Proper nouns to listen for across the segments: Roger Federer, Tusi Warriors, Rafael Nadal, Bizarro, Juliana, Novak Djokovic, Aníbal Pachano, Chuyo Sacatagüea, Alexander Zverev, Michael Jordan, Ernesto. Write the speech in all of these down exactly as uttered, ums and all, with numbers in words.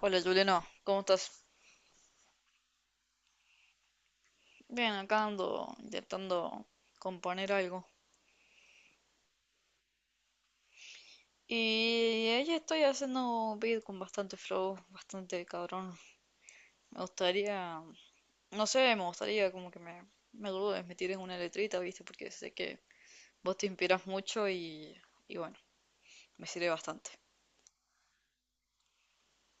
Hola Juliana, ¿cómo estás? Bien, acá ando intentando componer algo. Y ahí estoy haciendo un beat con bastante flow, bastante cabrón. Me gustaría, no sé, me gustaría como que me, me ayudes, me tires una letrita, ¿viste? Porque sé que vos te inspiras mucho y, y bueno, me sirve bastante.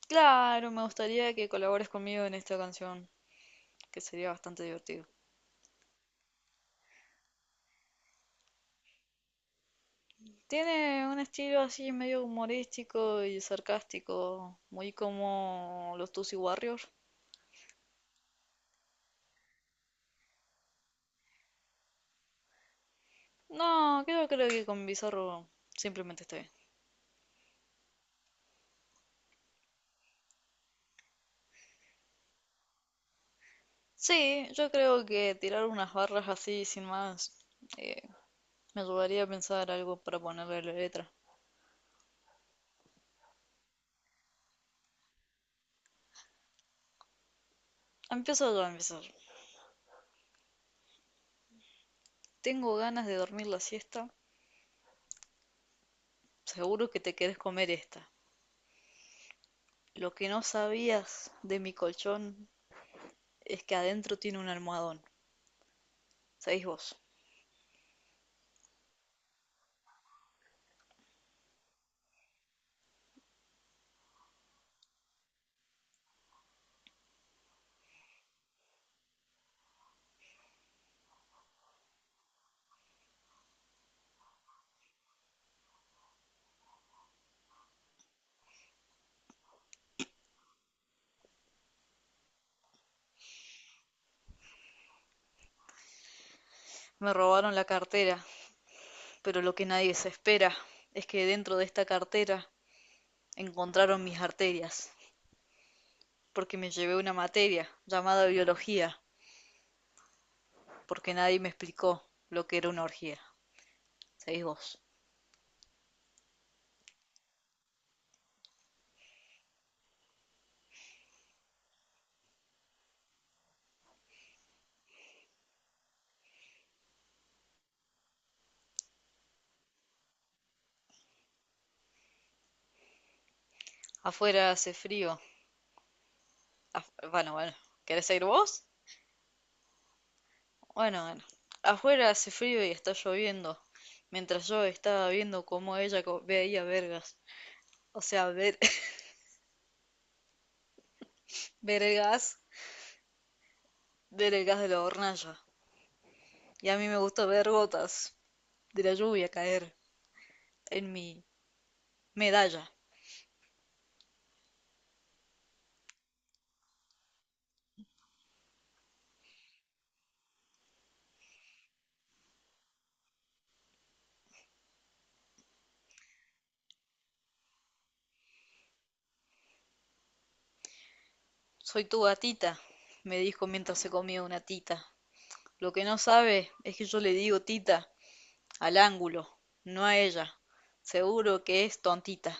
Claro, me gustaría que colabores conmigo en esta canción, que sería bastante divertido. Tiene un estilo así medio humorístico y sarcástico, muy como los Tusi Warriors. No, creo, creo que con Bizarro simplemente está bien. Sí, yo creo que tirar unas barras así sin más eh, me ayudaría a pensar algo para ponerle a la letra. Empiezo yo a empezar. Tengo ganas de dormir la siesta. Seguro que te querés comer esta. Lo que no sabías de mi colchón es que adentro tiene un almohadón. Sabéis vos. Me robaron la cartera. Pero lo que nadie se espera es que dentro de esta cartera encontraron mis arterias, porque me llevé una materia llamada biología, porque nadie me explicó lo que era una orgía. Seguís vos. Afuera hace frío. Af- bueno, bueno. ¿Querés seguir vos? Bueno, bueno. Afuera hace frío y está lloviendo, mientras yo estaba viendo cómo ella veía vergas. O sea, ver, ver el gas, ver el gas de la hornalla. Y a mí me gusta ver gotas de la lluvia caer en mi Medalla, soy tu gatita, me dijo mientras se comía una tita. Lo que no sabe es que yo le digo tita al ángulo, no a ella. Seguro que es tontita.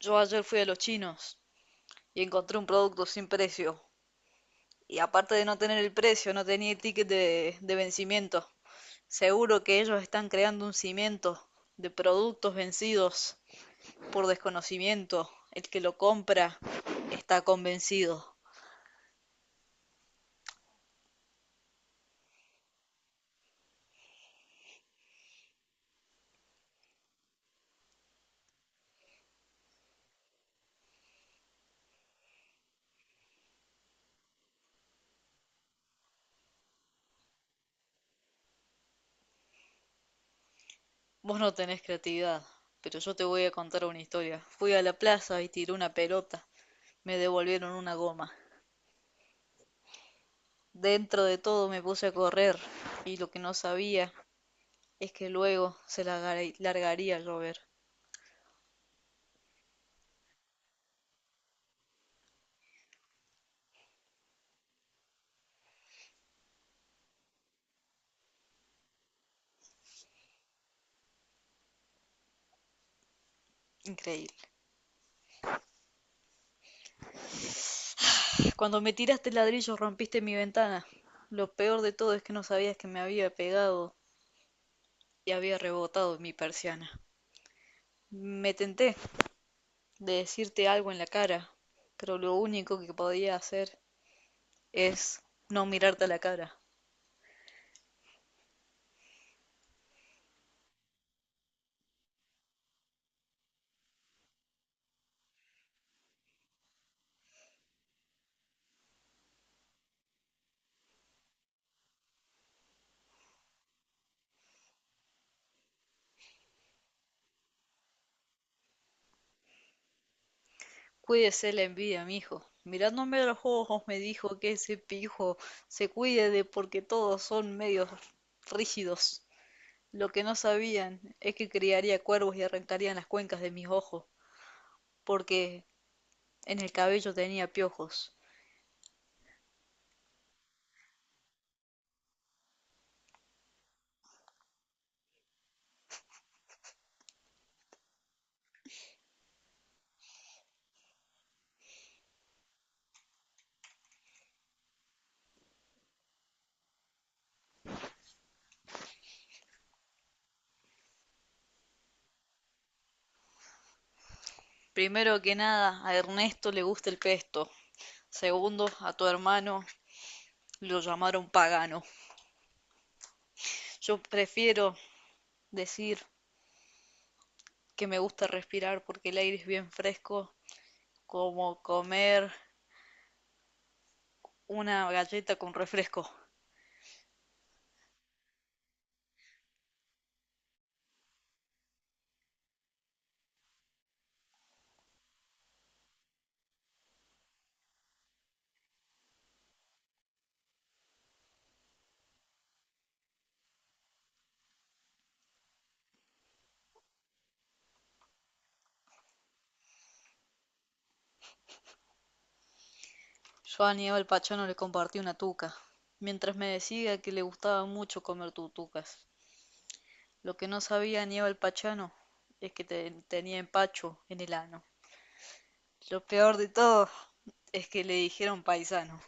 Yo ayer fui a los chinos y encontré un producto sin precio. Y aparte de no tener el precio, no tenía el ticket de, de vencimiento. Seguro que ellos están creando un cimiento de productos vencidos por desconocimiento. El que lo compra está convencido. Vos no tenés creatividad, pero yo te voy a contar una historia. Fui a la plaza y tiré una pelota. Me devolvieron una goma. Dentro de todo me puse a correr y lo que no sabía es que luego se larga- largaría a llover. Increíble. Cuando me tiraste el ladrillo rompiste mi ventana. Lo peor de todo es que no sabías que me había pegado y había rebotado en mi persiana. Me tenté de decirte algo en la cara, pero lo único que podía hacer es no mirarte a la cara. Cuídese la envidia, mijo. Mirándome a los ojos me dijo que ese pijo se cuide de porque todos son medios rígidos. Lo que no sabían es que criaría cuervos y arrancarían las cuencas de mis ojos, porque en el cabello tenía piojos. Primero que nada, a Ernesto le gusta el pesto. Segundo, a tu hermano lo llamaron pagano. Yo prefiero decir que me gusta respirar porque el aire es bien fresco, como comer una galleta con refresco. Yo a Aníbal Pachano le compartí una tuca, mientras me decía que le gustaba mucho comer tutucas. Lo que no sabía Aníbal Pachano es que te- tenía empacho en el ano. Lo peor de todo es que le dijeron paisano.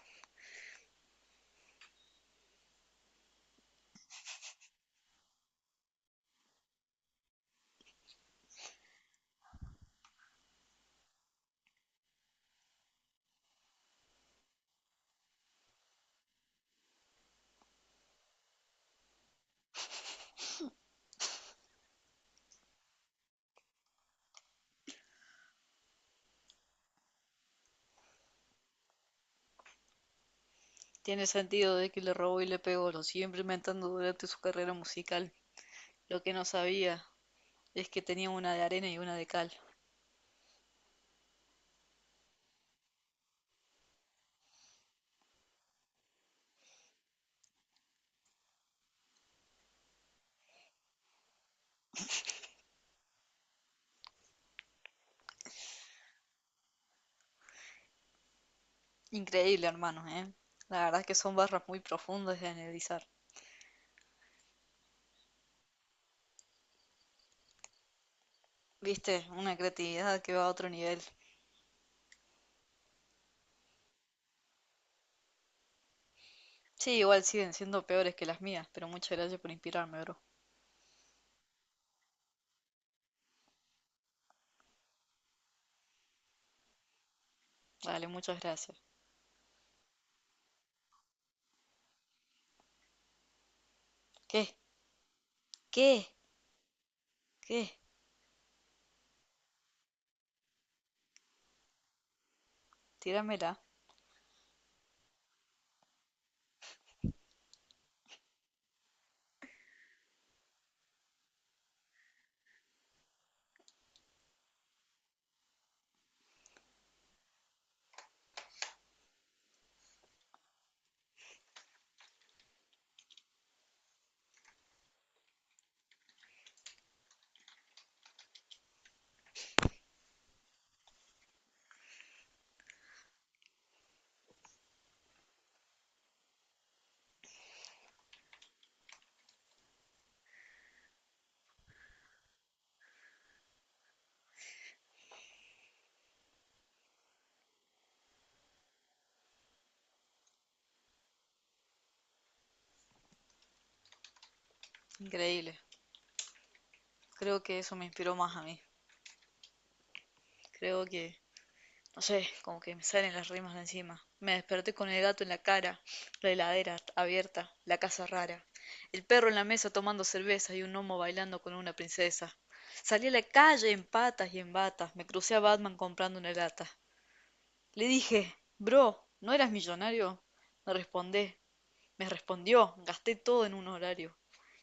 Tiene sentido de que le robó y le pegó, lo siguió implementando durante su carrera musical. Lo que no sabía es que tenía una de arena y una de cal. Increíble, hermanos, ¿eh? La verdad es que son barras muy profundas de analizar. Viste, una creatividad que va a otro nivel. Sí, igual siguen siendo peores que las mías, pero muchas gracias por inspirarme, bro. Dale, muchas gracias. ¿Qué? ¿Qué? ¿Qué? Tíramela. Increíble. Creo que eso me inspiró más a mí. Creo que, no sé, como que me salen las rimas de encima. Me desperté con el gato en la cara, la heladera abierta, la casa rara, el perro en la mesa tomando cerveza y un homo bailando con una princesa. Salí a la calle en patas y en batas, me crucé a Batman comprando una lata. Le dije, bro, ¿no eras millonario? Me respondé, me respondió, gasté todo en un horario.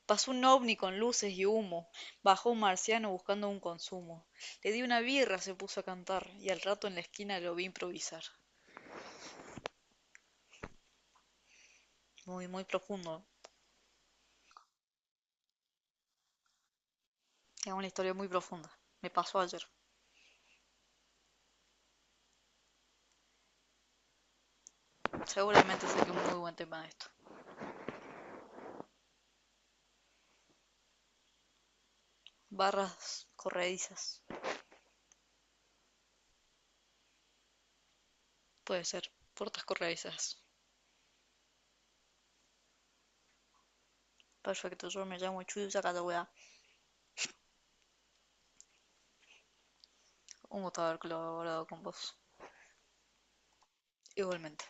Pasó un ovni con luces y humo, bajó un marciano buscando un consumo. Le di una birra, se puso a cantar, y al rato en la esquina lo vi improvisar. Muy, muy profundo. Es una historia muy profunda. Me pasó ayer. Seguramente saqué un muy buen tema de esto. Barras corredizas. Puede ser. Puertas corredizas. Perfecto, yo me llamo Chuyo Sacatagüea. Un gusto haber colaborado con vos. Igualmente.